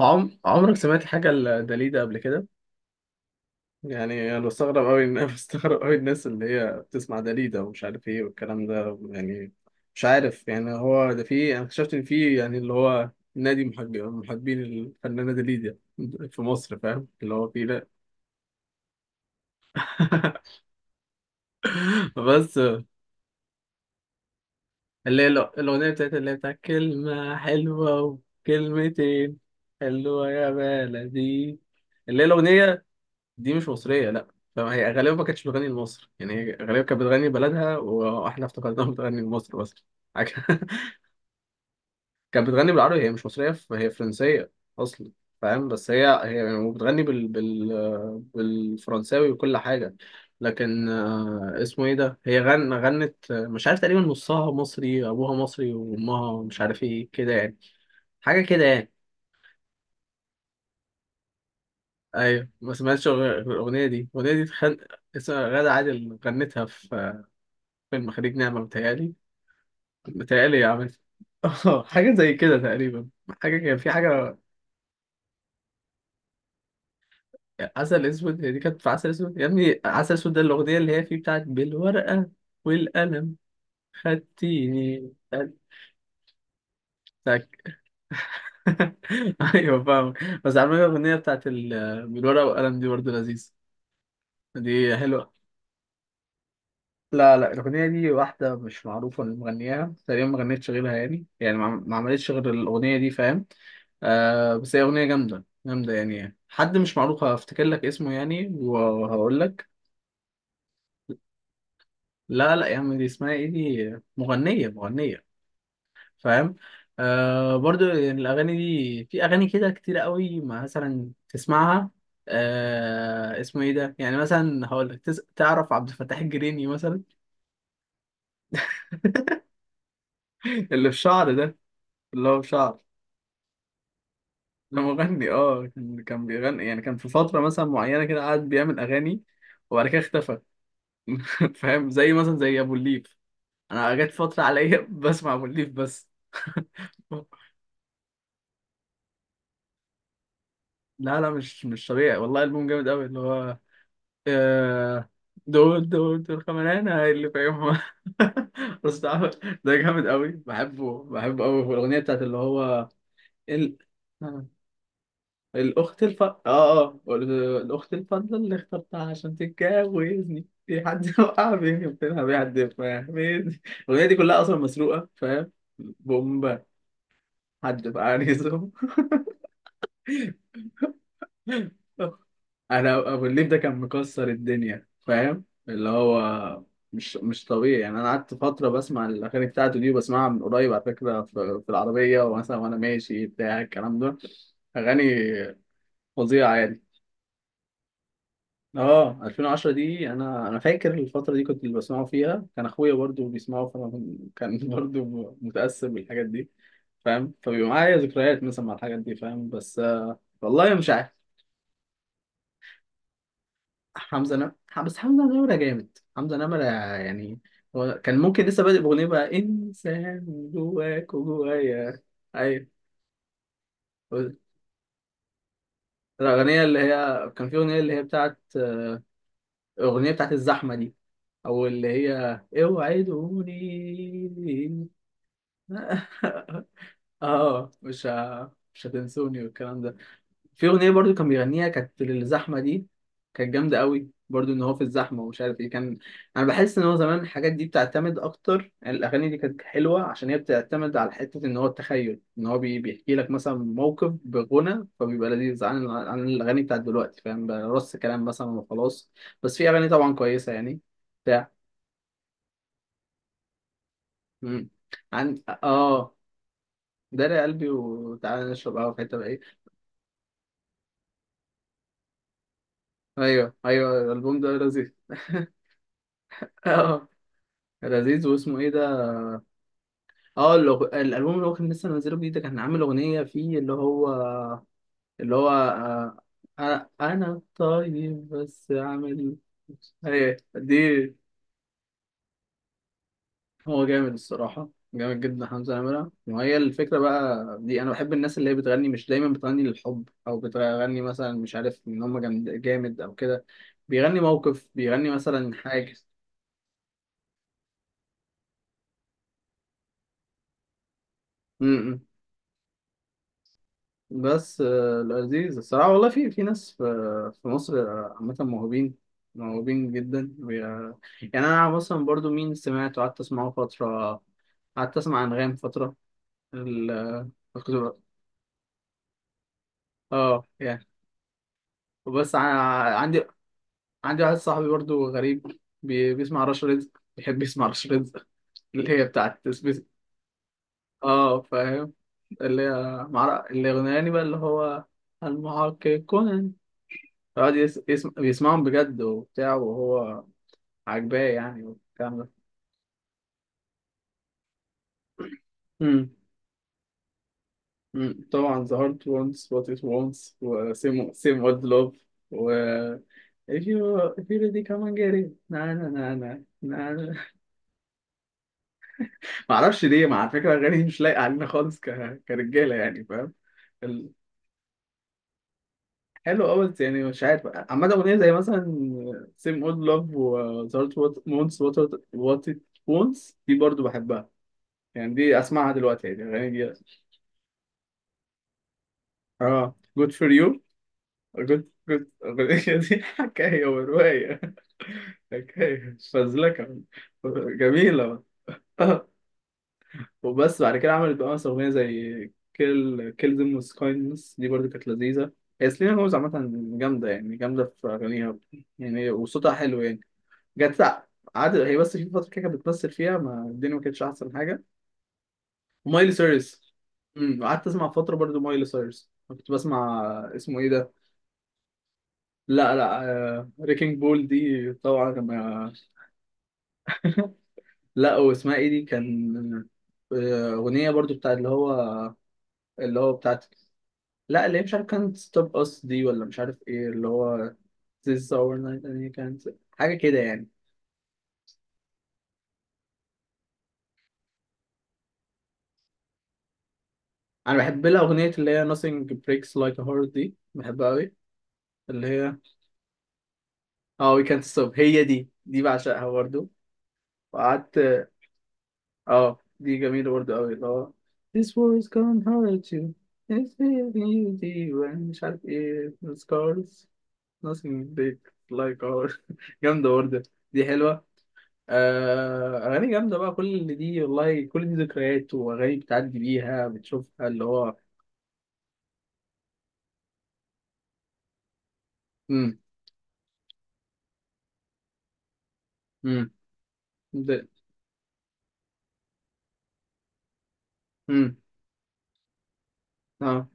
عمرك سمعت حاجة لداليدا قبل كده؟ يعني أنا بستغرب أوي إن بستغرب أوي الناس اللي هي بتسمع داليدا ومش عارف إيه والكلام ده يعني. مش عارف يعني هو ده، في أنا اكتشفت إن في يعني اللي هو نادي محبين الفنانة داليدا في مصر. فاهم اللي هو؟ في. لا. بس اللي هي الأغنية بتاعت اللي هي بتاعت كلمة حلوة وكلمتين، حلوة يا بلدي، اللي هي الأغنية. دي مش مصرية، لا. فهي غالبا ما كانتش بتغني لمصر، يعني هي غالبا كانت بتغني بلدها واحنا افتكرناها بتغني لمصر بس. حاجة- كانت بتغني بالعربي، هي مش مصرية، هي فرنسية أصلا. فاهم؟ بس هي بتغني بالفرنساوي وكل حاجة. لكن اسمه ايه ده، هي غنت، مش عارف، تقريبا نصها مصري، ابوها مصري وامها مش عارف ايه كده يعني. حاجة كده يعني. ايوه، ما سمعتش غير الاغنية دي اسمها غادة عادل، غنتها في فيلم خليج نعمة، متهيألي. متهيألي يا عم. اه، حاجة زي كده تقريبا. حاجة، كان في حاجة. عسل أسود، هي دي كانت في عسل أسود يا ابني. عسل أسود، ده الأغنية اللي هي فيه بتاعت بالورقة والقلم، خدتيني، خدتك. أيوة فاهم. بس عامة الأغنية بتاعت بالورقة والقلم دي برضه لذيذة، دي حلوة. لا لا، الأغنية دي واحدة مش معروفة، اللي مغنياها تقريبا ما غنتش غيرها يعني ما عملتش غير الأغنية دي، فاهم؟ آه بس هي أغنية جامدة جامدة يعني. حد مش معروف، هفتكر لك اسمه يعني وهقول لك. لا لا يا عم، دي اسمها ايه، دي مغنية مغنية، فاهم؟ آه برضو يعني، الأغاني دي، في أغاني كده كتير قوي ما مثلا تسمعها. آه اسمه ايه ده، يعني مثلا هقول لك، تعرف عبد الفتاح الجريني مثلا؟ اللي في شعر ده، اللي هو في شعر. ده مغني، اه. كان كان بيغني يعني، كان في فترة مثلا معينة كده، قعد بيعمل أغاني وبعد كده اختفى. فاهم، زي مثلا زي أبو الليف. أنا جت فترة عليا بسمع أبو الليف بس. لا لا، مش طبيعي والله، ألبوم جامد أوي اللي هو، آه، دول دول دول كمان أنا اللي فاهمها. بس ده، ده جامد أوي، بحبه بحبه أوي. والأغنية بتاعت اللي هو ال... الأخت الف آه آه الأخت الفضلة اللي اخترتها عشان تتجوزني، في حد وقع بيني وبينها بيحد، فاهمني؟ الأغنية دي كلها أصلا مسروقة، فاهم؟ بومبا، حد فقعني زوم. أنا أبو الليف ده كان مكسر الدنيا، فاهم اللي هو؟ مش طبيعي يعني. أنا قعدت فترة بسمع الأغاني بتاعته دي، وبسمعها من قريب على فكرة، في العربية ومثلا وأنا ماشي بتاع الكلام ده، أغاني فظيعة يعني. اه، 2010 دي، انا فاكر الفتره دي، كنت اللي بسمعه فيها كان اخويا برضو بيسمعه، فانا كان برضو متاثر بالحاجات دي، فاهم؟ فبيبقى معايا ذكريات مثلا مع الحاجات دي، فاهم؟ بس والله مش عارف. حمزه نمرة، بس حمزه نمرة جامد، حمزه نمرة يعني. هو كان ممكن لسه بادئ باغنيه بقى انسان جواك وجوايا. ايوه الاغنيه اللي هي، كان في اغنيه اللي هي بتاعت، الاغنيه بتاعت الزحمه دي، او اللي هي اوعدوني. اه مش هتنسوني والكلام ده. في اغنيه برضو كان بيغنيها كانت للزحمه دي، كانت جامده قوي برضو، ان هو في الزحمه ومش عارف ايه كان. انا بحس ان هو زمان الحاجات دي بتعتمد اكتر يعني، الاغاني دي كانت حلوه عشان هي بتعتمد على حته، ان هو التخيل، ان هو بيحكي لك مثلا موقف، بغنى فبيبقى لذيذ، عن الاغاني بتاعت دلوقتي، فاهم؟ بقى رص كلام مثلا وخلاص. بس في اغاني طبعا كويسه يعني. بتاع. مم. عن اه داري يا قلبي وتعالى نشرب قهوه في حته بقى. ايوه ايوه، الالبوم ده لذيذ. اه لذيذ، واسمه ايه ده؟ اه الالبوم اللي هو كان لسه منزله جديد ده، كان عامل اغنيه فيه اللي هو أنا طيب بس عامل. ايه دي؟ هو جامد الصراحه، جامد جدا حمزه نمره. وهي الفكره بقى دي، انا بحب الناس اللي هي بتغني مش دايما بتغني للحب او بتغني مثلا، مش عارف، ان هم جامد جامد او كده، بيغني موقف، بيغني مثلا حاجه. بس لذيذ الصراحة والله، في في ناس، في في مصر عامة موهوبين جدا. يعني أنا مثلا برضو، مين سمعت وقعدت أسمعه فترة، قعدت أسمع أنغام فترة ال آه، كنت ب- اه يعني. بس عندي واحد صاحبي برضو غريب، بيسمع رش رزق، بيحب يسمع رش رزق. اللي هي بتاعت اه فاهم. اللي هي مع اللي غناني بقى، اللي هو المحقق. يقعد بيسمعهم بجد وبتاع، وهو عاجباه يعني والكلام ده. امم. أمم. طبعا The Heart Wants What It Wants و Same, same Old Love و If you, if you really come and get it, na na na na, na na. معرفش ليه مع فكرة أغاني مش لايقة علينا خالص، كرجالة يعني، فاهم؟ ال... حلو أوي بس، يعني مش عارف، عامة أغنية زي مثلا Same Old Love و The Heart Wants What It What It Wants، دي برضو بحبها يعني. دي اسمعها دلوقتي يعني، الاغاني دي. اه جود فور يو، جود جود. دي حكايه وروايه، حكايه فزلكه. جميله. آه، وبس بعد كده عملت بقى مثلا اغنيه زي كيل كيل ذيم وذ كايندنس، دي برضو كانت لذيذه. هي سلينا جوز عامه جامده يعني، جامده في اغانيها يعني، وصوتها حلو يعني. جت، قعدت هي بس في فتره كده كانت بتمثل فيها، ما الدنيا ما كانتش احسن حاجه. ومايلي سيريس، قعدت اسمع فتره برضو مايلي سيريس كنت بسمع، اسمه ايه ده؟ لا لا. ريكينج بول دي طبعا لا، واسمها ايه دي كان، أغنية برضو بتاع اللي هو بتاعت. لا اللي هي، مش عارف، كانت ستوب أس دي ولا مش عارف ايه، اللي هو This is our night and he can't، حاجة كده يعني. أنا بحب لها أغنية اللي هي nothing breaks like a heart، دي بحبها أوي، اللي هي. اه we can't stop، هي دي، دي بعشقها برضو. وقعدت. اه دي جميلة برضه قوي، اللي هو This war is gonna hurt you, It's leaving you deep and مش عارف ايه The scars, nothing big like ours. جامدة برضه، دي حلوة. آه أغاني جامدة بقى كل اللي دي، والله كل دي ذكريات وأغاني، بتعدي بيها، بتشوفها اللي هو. مم. مم. ده مم. اه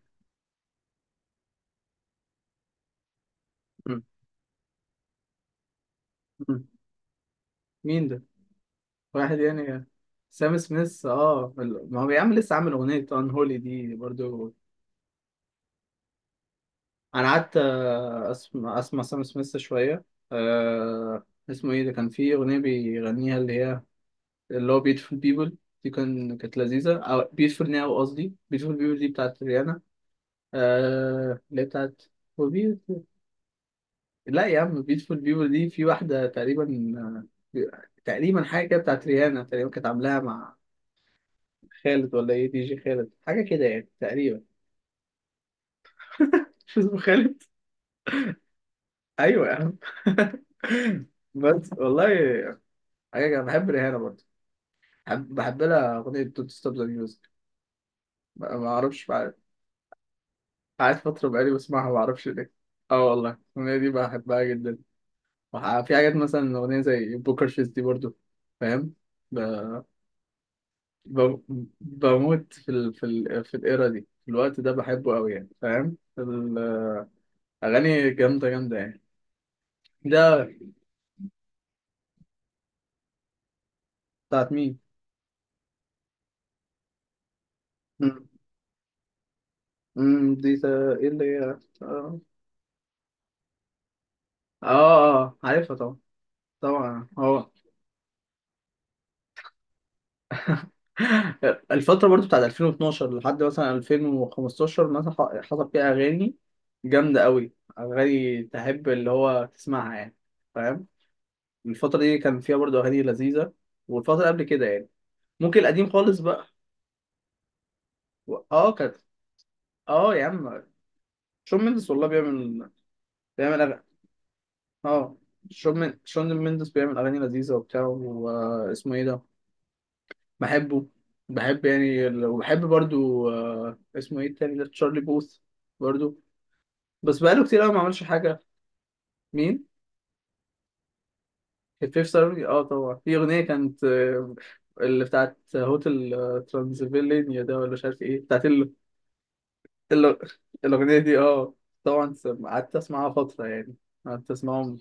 مم. مم. مين ده؟ واحد يعني. سام سميث، اه، ما هو بيعمل لسه، عامل أغنية Unholy دي برضه. انا قعدت اسمع، اسمع سام سميث شويه. أه اسمه ايه ده، كان فيه اغنيه بيغنيها اللي هي، اللي هو بيوتيفول بيبل، دي كان كانت لذيذه، او بيوتيفول ناو، قصدي بيوتيفول بيبل دي بتاعت ريانا، أه اللي هي بتاعت "For Beautiful". لا يا عم، بيوتيفول بيبل دي، في واحده تقريبا، بي- تقريبا حاجه كده بتاعت ريانا تقريبا، كانت عاملاها مع خالد ولا ايه، دي جي خالد، حاجه كده يعني تقريبا. مش اسمه خالد؟ ايوه يا عم. بس والله حاجة كده. بحب ريهانة برضه، بحب لها أغنية دونت ستوب ذا ميوزك، ما أعرفش بقى، قعدت فترة بقالي بسمعها، ما أعرفش ليه. أه والله الأغنية دي بحبها جدا. في حاجات مثلا أغنية زي بوكر فيس دي برضه، فاهم؟ ب- ب- بموت في ال في الإيرا دي، في الوقت ده بحبه أوي يعني، فاهم؟ الأغاني جامدة جامدة يعني. ده بتاعت مين؟ مم. مم، دي إيه اللي هي؟ آه. آه، عارفها طبعا، طبعا هو. الفترة برضو بتاعت 2012 لحد مثلا 2015 مثلا، حصل فيها أغاني جامدة قوي، أغاني تحب اللي هو تسمعها يعني، فاهم؟ الفترة دي كان فيها برضو أغاني لذيذة، والفترة قبل كده يعني، ممكن القديم خالص بقى. اه كانت، اه يا عم شون مندس والله بيعمل، بيعمل أغاني، اه. شون مندس بيعمل أغاني لذيذة وبتاع، واسمه إيه ده، بحبه، بحب يعني وبحب برضو، اسمه إيه التاني ده، تشارلي بوث برضو. بس بقاله كتير قوي ما عملش حاجة. مين؟ الفيف سيرفي، اه طبعا، في أغنية كانت اللي بتاعت هوتل، ترانسفيلينيا ده ولا مش عارف ايه، بتاعت ال... ال... الأغنية دي، اه، طبعا قعدت أسمعها فترة يعني، قعدت أسمعهم.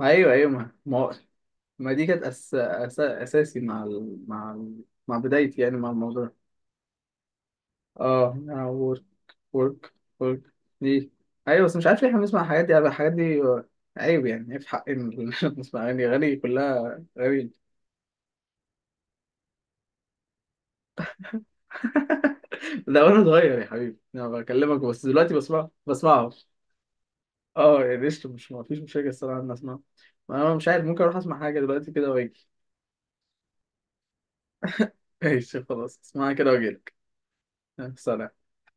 أيوه أيوه، ما دي كانت أساسي مع بدايتي يعني، مع الموضوع. اه هنا ورك ورك ورك دي. ايوه بس مش عارف ليه احنا بنسمع الحاجات دي عيب يعني، عيب في حق إن نسمع اغاني كلها غريب. ده وانا صغير يا حبيبي، انا بكلمك بس دلوقتي بسمعه، اه يعني قشطة، مش ما فيش مشاكل الصراحه ان اسمعه. ما انا مش عارف، ممكن اروح اسمع حاجه دلوقتي كده واجي. ماشي خلاص، اسمعها كده واجيلك. سلام.